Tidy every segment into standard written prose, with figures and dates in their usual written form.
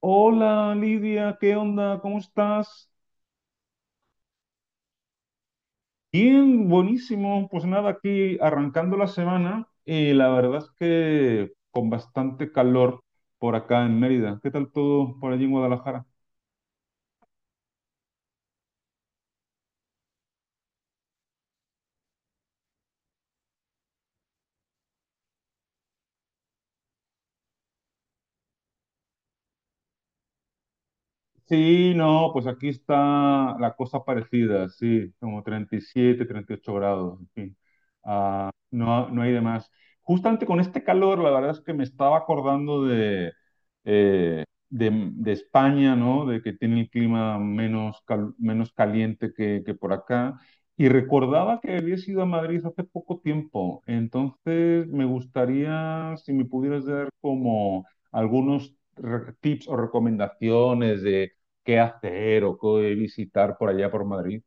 Hola Lidia, ¿qué onda? ¿Cómo estás? Bien, buenísimo. Pues nada, aquí arrancando la semana y la verdad es que con bastante calor por acá en Mérida. ¿Qué tal todo por allí en Guadalajara? Sí, no, pues aquí está la cosa parecida, sí, como treinta y siete, 38 grados, en fin. Ah, no, no hay de más. Justamente con este calor, la verdad es que me estaba acordando de España, ¿no? De que tiene el clima menos, menos caliente que por acá. Y recordaba que había ido a Madrid hace poco tiempo. Entonces, me gustaría, si me pudieras dar como algunos tips o recomendaciones de qué hacer o qué visitar por allá por Madrid.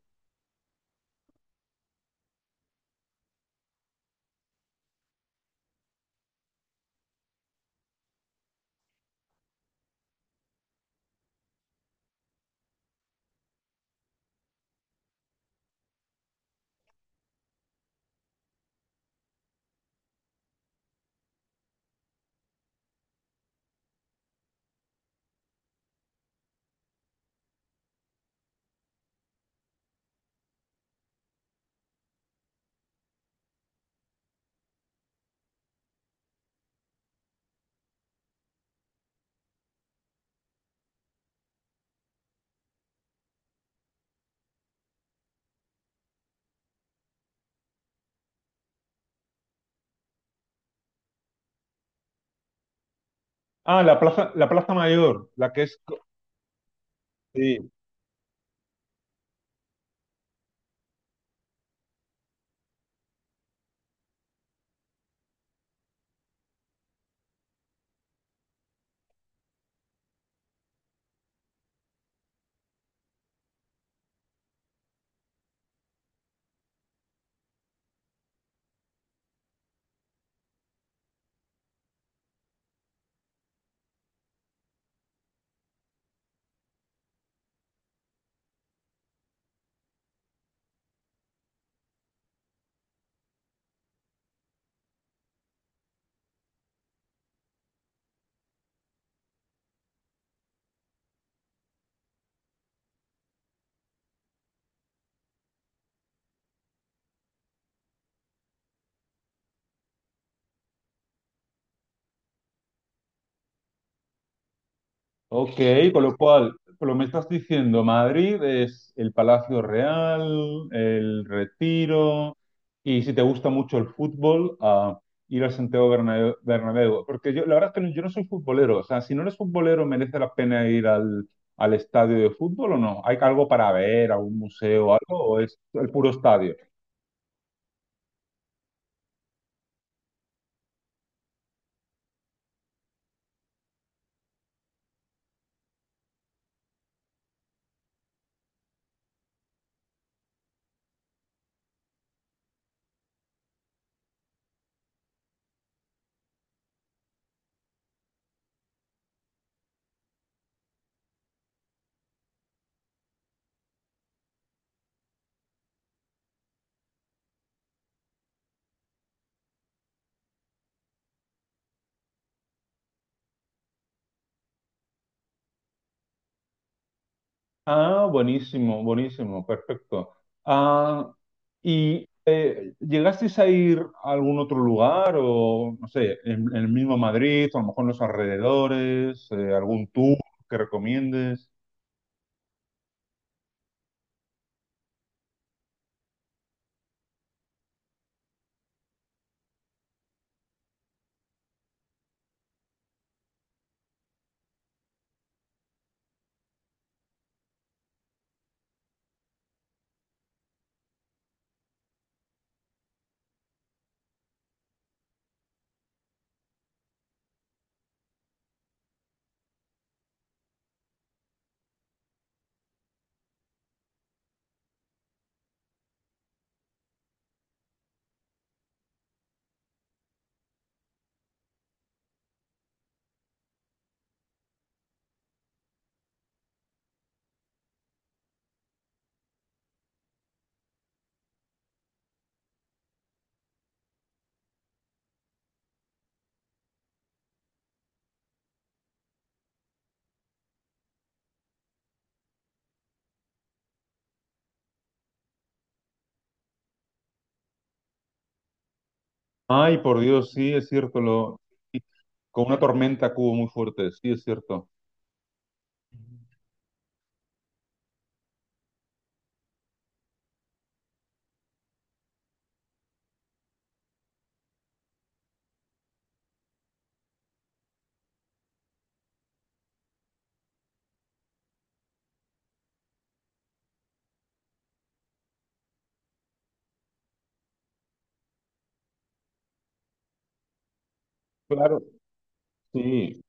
Ah, la Plaza Mayor. La que es... co- Sí, ok, con lo cual, por lo que me estás diciendo, Madrid es el Palacio Real, el Retiro, y si te gusta mucho el fútbol, a ir al Santiago Bernabéu. Porque yo, la verdad es que yo no soy futbolero. O sea, si no eres futbolero, ¿merece la pena ir al estadio de fútbol o no? ¿Hay algo para ver, algún museo, algo, o es el puro estadio? Ah, buenísimo, buenísimo, perfecto. Ah, ¿y llegasteis a ir a algún otro lugar o, no sé, en el mismo Madrid o a lo mejor en los alrededores, algún tour que recomiendes? Ay, por Dios, sí, es cierto. Sí, con una tormenta que hubo muy fuerte, sí, es cierto. Claro, sí.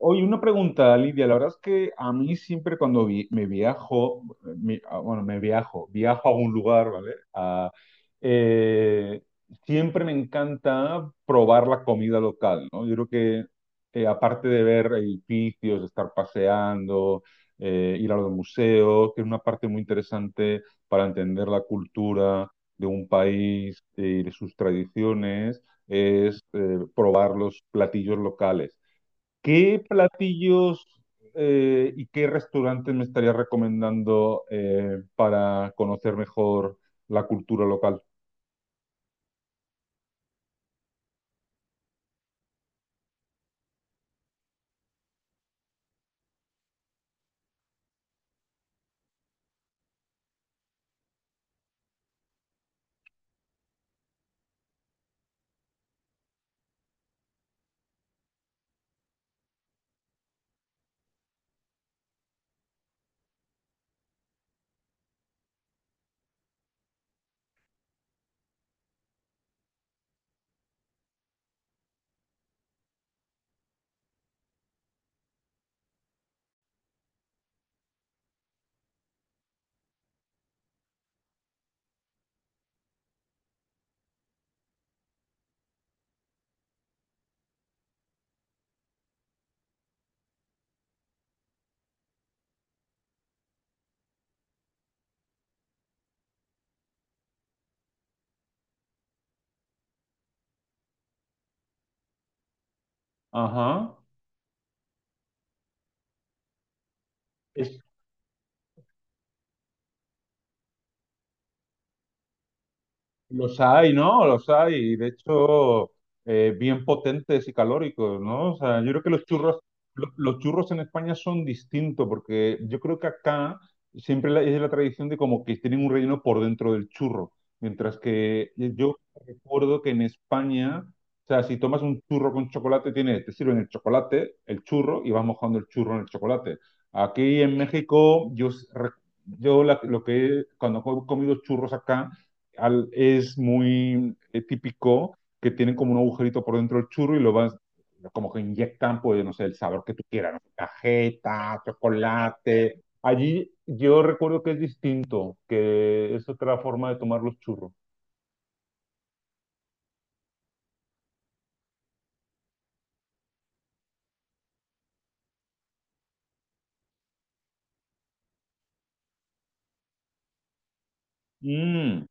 Oye, una pregunta, Lidia. La verdad es que a mí siempre cuando vi- me viajo, mi- ah, bueno, viajo a un lugar, ¿vale? Ah, eh, siempre me encanta probar la comida local, ¿no? Yo creo que aparte de ver edificios, estar paseando, ir a los museos, que es una parte muy interesante para entender la cultura de un país, y de sus tradiciones, es probar los platillos locales. ¿Qué platillos y qué restaurantes me estarías recomendando para conocer mejor la cultura local? Ajá. Es- Los hay, ¿no? Los hay, y de hecho, bien potentes y calóricos, ¿no? O sea, yo creo que los churros, los churros en España son distintos, porque yo creo que acá siempre es la tradición de como que tienen un relleno por dentro del churro, mientras que yo recuerdo que en España, o sea, si tomas un churro con chocolate, tiene, te sirven el chocolate, el churro, y vas mojando el churro en el chocolate. Aquí en México, yo, s- re- yo la- lo que, cuando he comido churros acá, es muy típico que tienen como un agujerito por dentro del churro y lo vas, como que inyectan, pues, no sé, el sabor que tú quieras, ¿no? Cajeta, chocolate. Allí yo recuerdo que es distinto, que es otra forma de tomar los churros. Mm,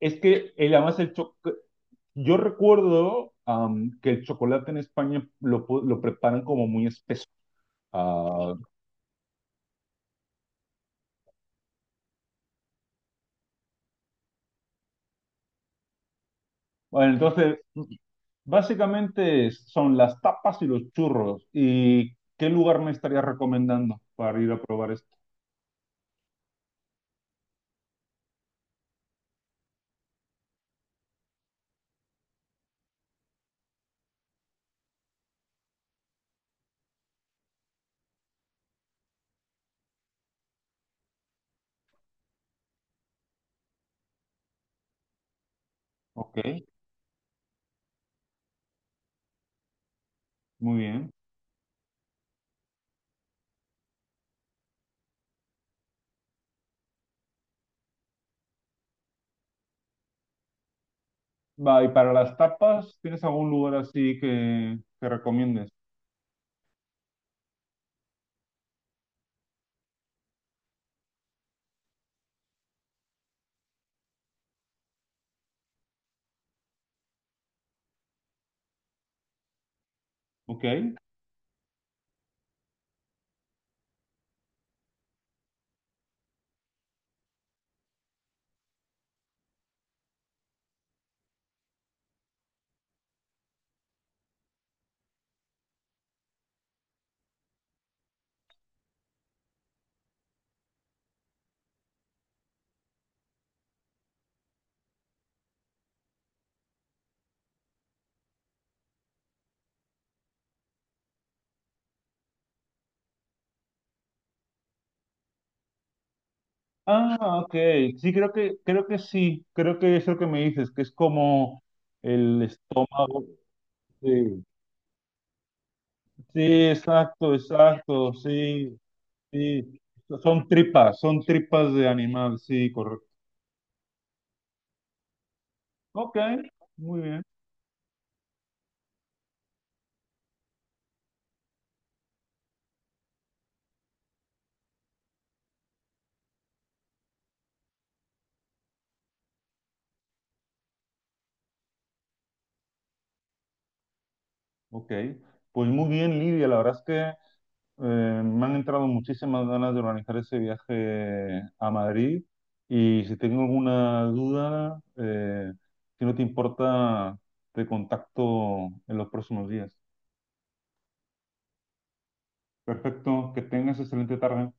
es que además el yo recuerdo que el chocolate en España lo preparan como muy espeso. Ah, bueno, entonces básicamente son las tapas y los churros. ¿Y qué lugar me estarías recomendando para ir a probar esto? Ok, muy bien. Va, y para las tapas, ¿tienes algún lugar así que recomiendes? Ok. Ah, ok. Sí, creo que sí. Creo que es lo que me dices, que es como el estado. Sí, sí, exacto, exacto. Sí, sí. Son tripas de animal, sí, correcto. Ok, muy bien. Ok, pues muy bien, Lidia. La verdad es que me han entrado muchísimas ganas de organizar ese viaje a Madrid y si tengo alguna duda, si no te importa, te contacto en los próximos días. Perfecto, que tengas excelente tarde.